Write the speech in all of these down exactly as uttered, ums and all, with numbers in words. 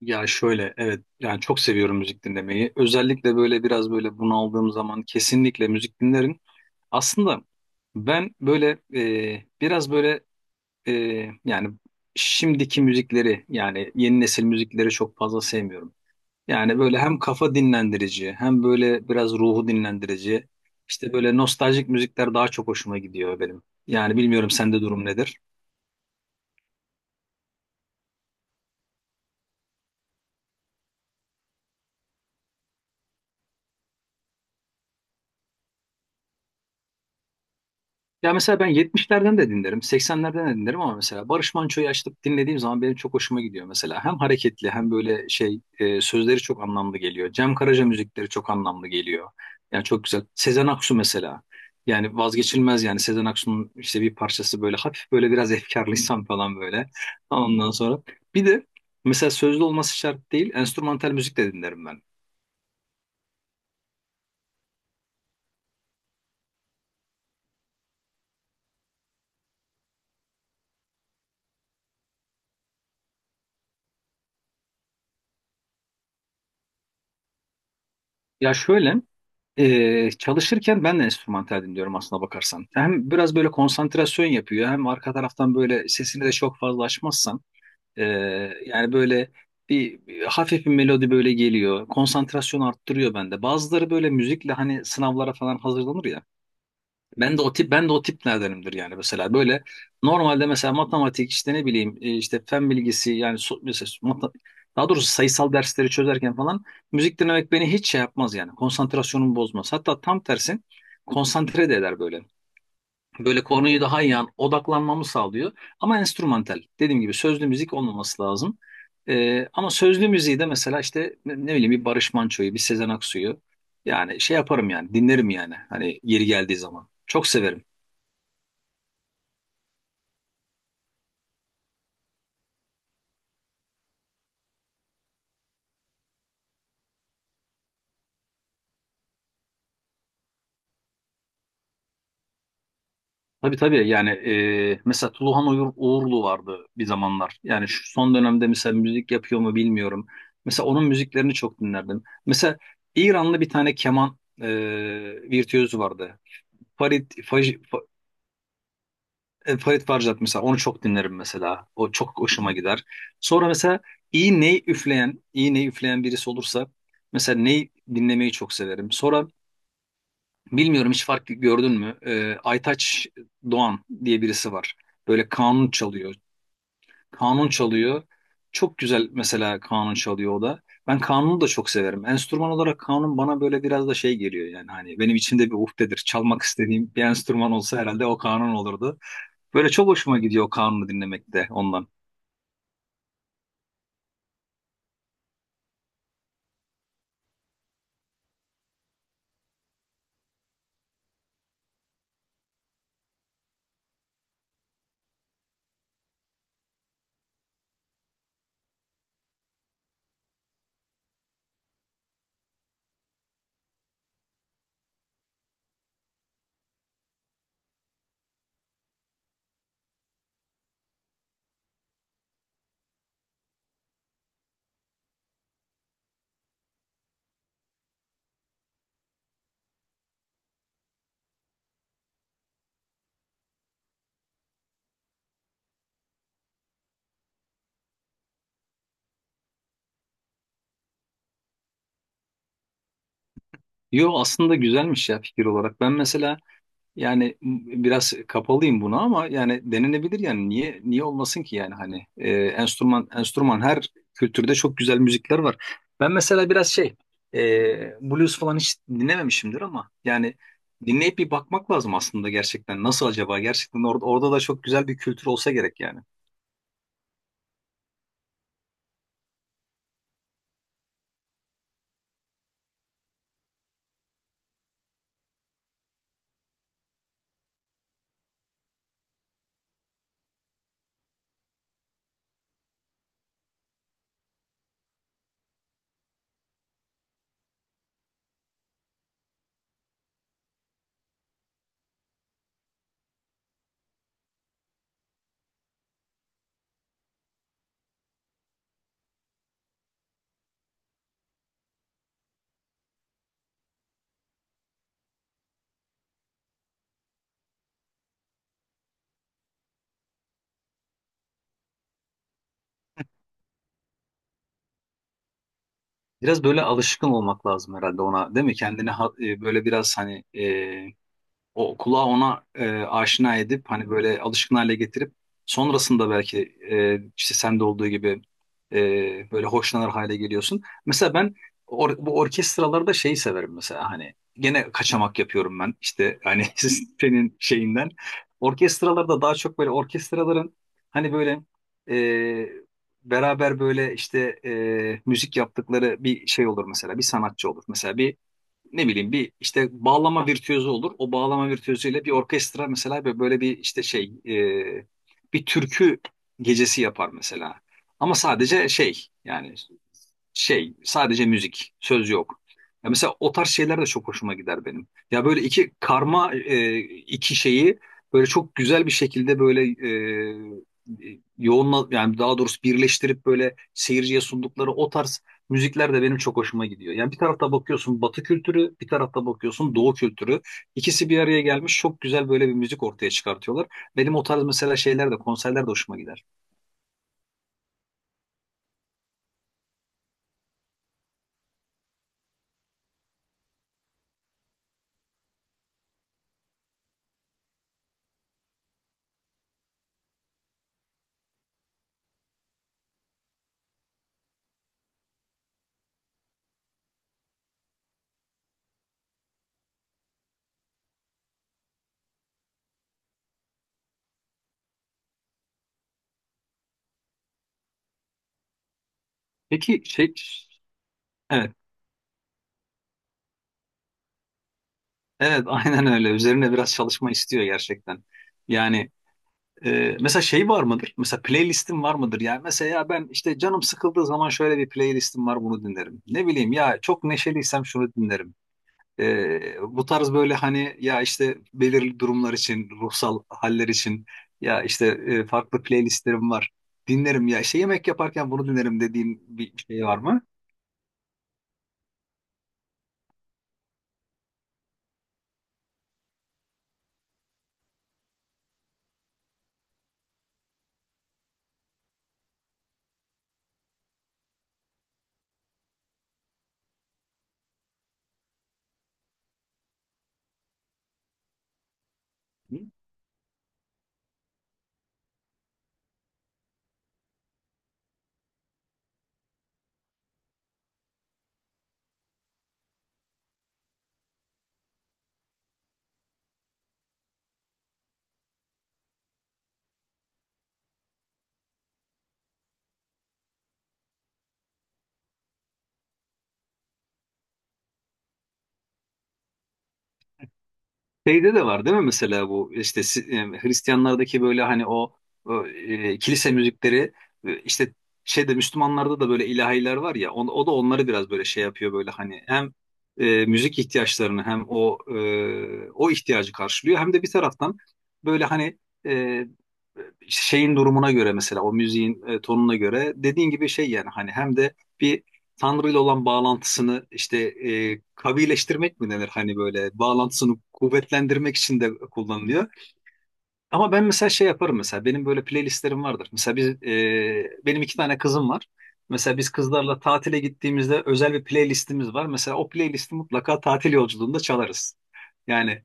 Ya şöyle, evet, yani çok seviyorum müzik dinlemeyi. Özellikle böyle biraz böyle bunaldığım zaman kesinlikle müzik dinlerim. Aslında ben böyle e, biraz böyle e, yani şimdiki müzikleri, yani yeni nesil müzikleri çok fazla sevmiyorum. Yani böyle hem kafa dinlendirici hem böyle biraz ruhu dinlendirici, işte böyle nostaljik müzikler daha çok hoşuma gidiyor benim. Yani bilmiyorum, sende durum nedir? Ya mesela ben yetmişlerden de dinlerim, seksenlerden de dinlerim ama mesela Barış Manço'yu açıp dinlediğim zaman benim çok hoşuma gidiyor mesela. Hem hareketli hem böyle şey, e, sözleri çok anlamlı geliyor. Cem Karaca müzikleri çok anlamlı geliyor. Yani çok güzel. Sezen Aksu mesela. Yani vazgeçilmez, yani Sezen Aksu'nun işte bir parçası, böyle hafif, böyle biraz efkarlıysam falan böyle. Ondan sonra bir de mesela sözlü olması şart değil, enstrümantal müzik de dinlerim ben. Ya şöyle, Ee, çalışırken ben de enstrümantal dinliyorum aslına bakarsan. Hem biraz böyle konsantrasyon yapıyor hem arka taraftan böyle sesini de çok fazla açmazsan ee, yani böyle bir, bir hafif bir melodi böyle geliyor. Konsantrasyon arttırıyor bende. Bazıları böyle müzikle hani sınavlara falan hazırlanır ya. Ben de o tip ben de o tiplerdenimdir, yani mesela böyle normalde mesela matematik, işte ne bileyim, e, işte fen bilgisi, yani so- mesela mata- daha doğrusu sayısal dersleri çözerken falan müzik dinlemek beni hiç şey yapmaz, yani konsantrasyonumu bozmaz. Hatta tam tersi, konsantre de eder böyle. Böyle konuyu daha iyi an odaklanmamı sağlıyor ama enstrümantal, dediğim gibi, sözlü müzik olmaması lazım. E, ama sözlü müziği de mesela işte ne, ne bileyim, bir Barış Manço'yu, bir Sezen Aksu'yu, yani şey yaparım, yani dinlerim, yani hani yeri geldiği zaman. Çok severim. Tabii tabii, yani e, mesela Tuluhan Uyur- Uğurlu vardı bir zamanlar. Yani şu son dönemde mesela müzik yapıyor mu bilmiyorum. Mesela onun müziklerini çok dinlerdim. Mesela İranlı bir tane keman e, virtüözü vardı. Farid, Faj, Fa- e, Farid Farjad mesela, onu çok dinlerim mesela. O çok hoşuma gider. Sonra mesela iyi ney üfleyen, iyi ney üfleyen birisi olursa mesela, ney dinlemeyi çok severim. Sonra bilmiyorum, hiç fark gördün mü? Ee, Aytaç Doğan diye birisi var. Böyle kanun çalıyor. Kanun çalıyor. Çok güzel mesela, kanun çalıyor o da. Ben kanunu da çok severim. Enstrüman olarak kanun bana böyle biraz da şey geliyor, yani hani benim içimde bir uhdedir. Çalmak istediğim bir enstrüman olsa herhalde o kanun olurdu. Böyle çok hoşuma gidiyor kanunu dinlemek de ondan. Yo, aslında güzelmiş ya fikir olarak. Ben mesela yani m- biraz kapalıyım buna ama yani denenebilir, yani niye niye olmasın ki, yani hani e, enstrüman enstrüman her kültürde çok güzel müzikler var. Ben mesela biraz şey, e, blues falan hiç dinlememişimdir ama yani dinleyip bir bakmak lazım aslında gerçekten, nasıl acaba gerçekten orada orada da çok güzel bir kültür olsa gerek yani. Biraz böyle alışkın olmak lazım herhalde ona, değil mi? Kendini ha- e, böyle biraz hani o kulağı ona e, aşina edip hani böyle alışkın hale getirip sonrasında belki e, işte sende olduğu gibi e, böyle hoşlanır hale geliyorsun. Mesela ben or- bu orkestralarda şeyi severim mesela, hani gene kaçamak yapıyorum ben işte hani siz- senin şeyinden. Orkestralarda daha çok böyle orkestraların hani böyle e, beraber böyle işte e, müzik yaptıkları bir şey olur mesela, bir sanatçı olur. Mesela bir, ne bileyim, bir işte bağlama virtüözü olur. O bağlama virtüözüyle bir orkestra mesela ve böyle bir işte şey, e, bir türkü gecesi yapar mesela. Ama sadece şey yani, şey sadece müzik, söz yok. Ya mesela o tarz şeyler de çok hoşuma gider benim. Ya böyle iki karma e, iki şeyi böyle çok güzel bir şekilde böyle e, e, yoğunla yani daha doğrusu birleştirip böyle seyirciye sundukları o tarz müzikler de benim çok hoşuma gidiyor. Yani bir tarafta bakıyorsun Batı kültürü, bir tarafta bakıyorsun Doğu kültürü. İkisi bir araya gelmiş, çok güzel böyle bir müzik ortaya çıkartıyorlar. Benim o tarz mesela şeyler de, konserler de hoşuma gider. Peki şey, evet, evet, aynen öyle. Üzerine biraz çalışma istiyor gerçekten. Yani e, mesela şey var mıdır? Mesela playlistim var mıdır? Yani mesela, ya ben işte canım sıkıldığı zaman şöyle bir playlistim var, bunu dinlerim. Ne bileyim, ya çok neşeliysem şunu dinlerim. Ee, bu tarz böyle hani, ya işte belirli durumlar için, ruhsal haller için, ya işte e, farklı playlistlerim var. Dinlerim, ya işte yemek yaparken bunu dinlerim dediğin bir şey var mı? Şeyde de var değil mi mesela, bu işte si- e, Hristiyanlardaki böyle hani o, o, e, kilise müzikleri, e, işte şeyde Müslümanlarda da böyle ilahiler var ya, on- o da onları biraz böyle şey yapıyor böyle, hani hem e, müzik ihtiyaçlarını, hem o, e, o ihtiyacı karşılıyor hem de bir taraftan böyle hani e, şeyin durumuna göre, mesela o müziğin e, tonuna göre, dediğin gibi şey yani, hani hem de bir Tanrı ile olan bağlantısını işte e, kavileştirmek mi denir, hani böyle bağlantısını kuvvetlendirmek için de kullanılıyor. Ama ben mesela şey yaparım mesela, benim böyle playlistlerim vardır. Mesela biz, e, benim iki tane kızım var. Mesela biz kızlarla tatile gittiğimizde özel bir playlistimiz var. Mesela o playlisti mutlaka tatil yolculuğunda çalarız. Yani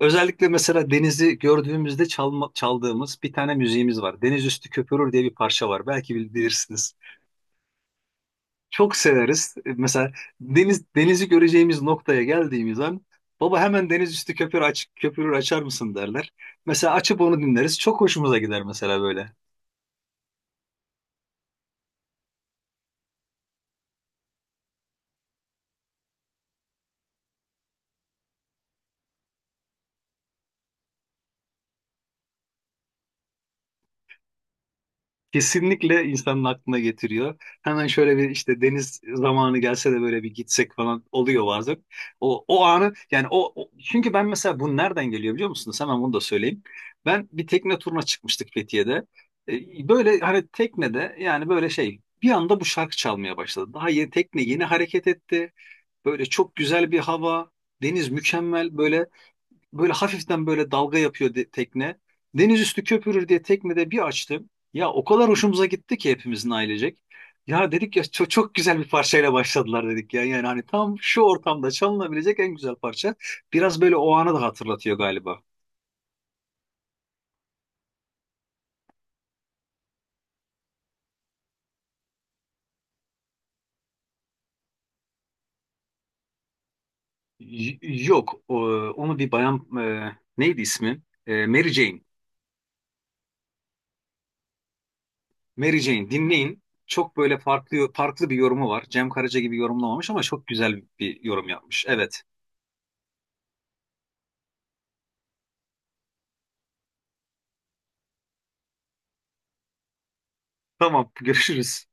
özellikle mesela denizi gördüğümüzde çalma, çaldığımız bir tane müziğimiz var. Deniz Üstü Köpürür diye bir parça var. Belki bil- bilirsiniz. Çok severiz. Mesela deniz denizi göreceğimiz noktaya geldiğimiz an, baba hemen Deniz Üstü köpür aç Köpürür açar mısın derler. Mesela açıp onu dinleriz. Çok hoşumuza gider mesela böyle. Kesinlikle insanın aklına getiriyor. Hemen şöyle bir işte, deniz zamanı gelse de böyle bir gitsek falan oluyor bazen. O, o anı yani, o, o- çünkü ben mesela bu nereden geliyor biliyor musunuz? Hemen bunu da söyleyeyim. Ben bir tekne turuna çıkmıştık Fethiye'de. Ee, Böyle hani teknede yani böyle şey, bir anda bu şarkı çalmaya başladı. Daha yeni tekne yeni hareket etti. Böyle çok güzel bir hava. Deniz mükemmel böyle. Böyle hafiften böyle dalga yapıyor de- tekne. Deniz Üstü Köpürür diye teknede bir açtım. Ya o kadar hoşumuza gitti ki, hepimizin ailecek. Ya dedik ya, çok, çok güzel bir parçayla başladılar dedik ya. Yani hani tam şu ortamda çalınabilecek en güzel parça. Biraz böyle o anı da hatırlatıyor galiba. Y- yok, o- onu bir bayan, e, neydi ismi? E, Mary Jane. Mary Jane dinleyin. Çok böyle farklı farklı bir yorumu var. Cem Karaca gibi yorumlamamış ama çok güzel bir yorum yapmış. Evet. Tamam, görüşürüz.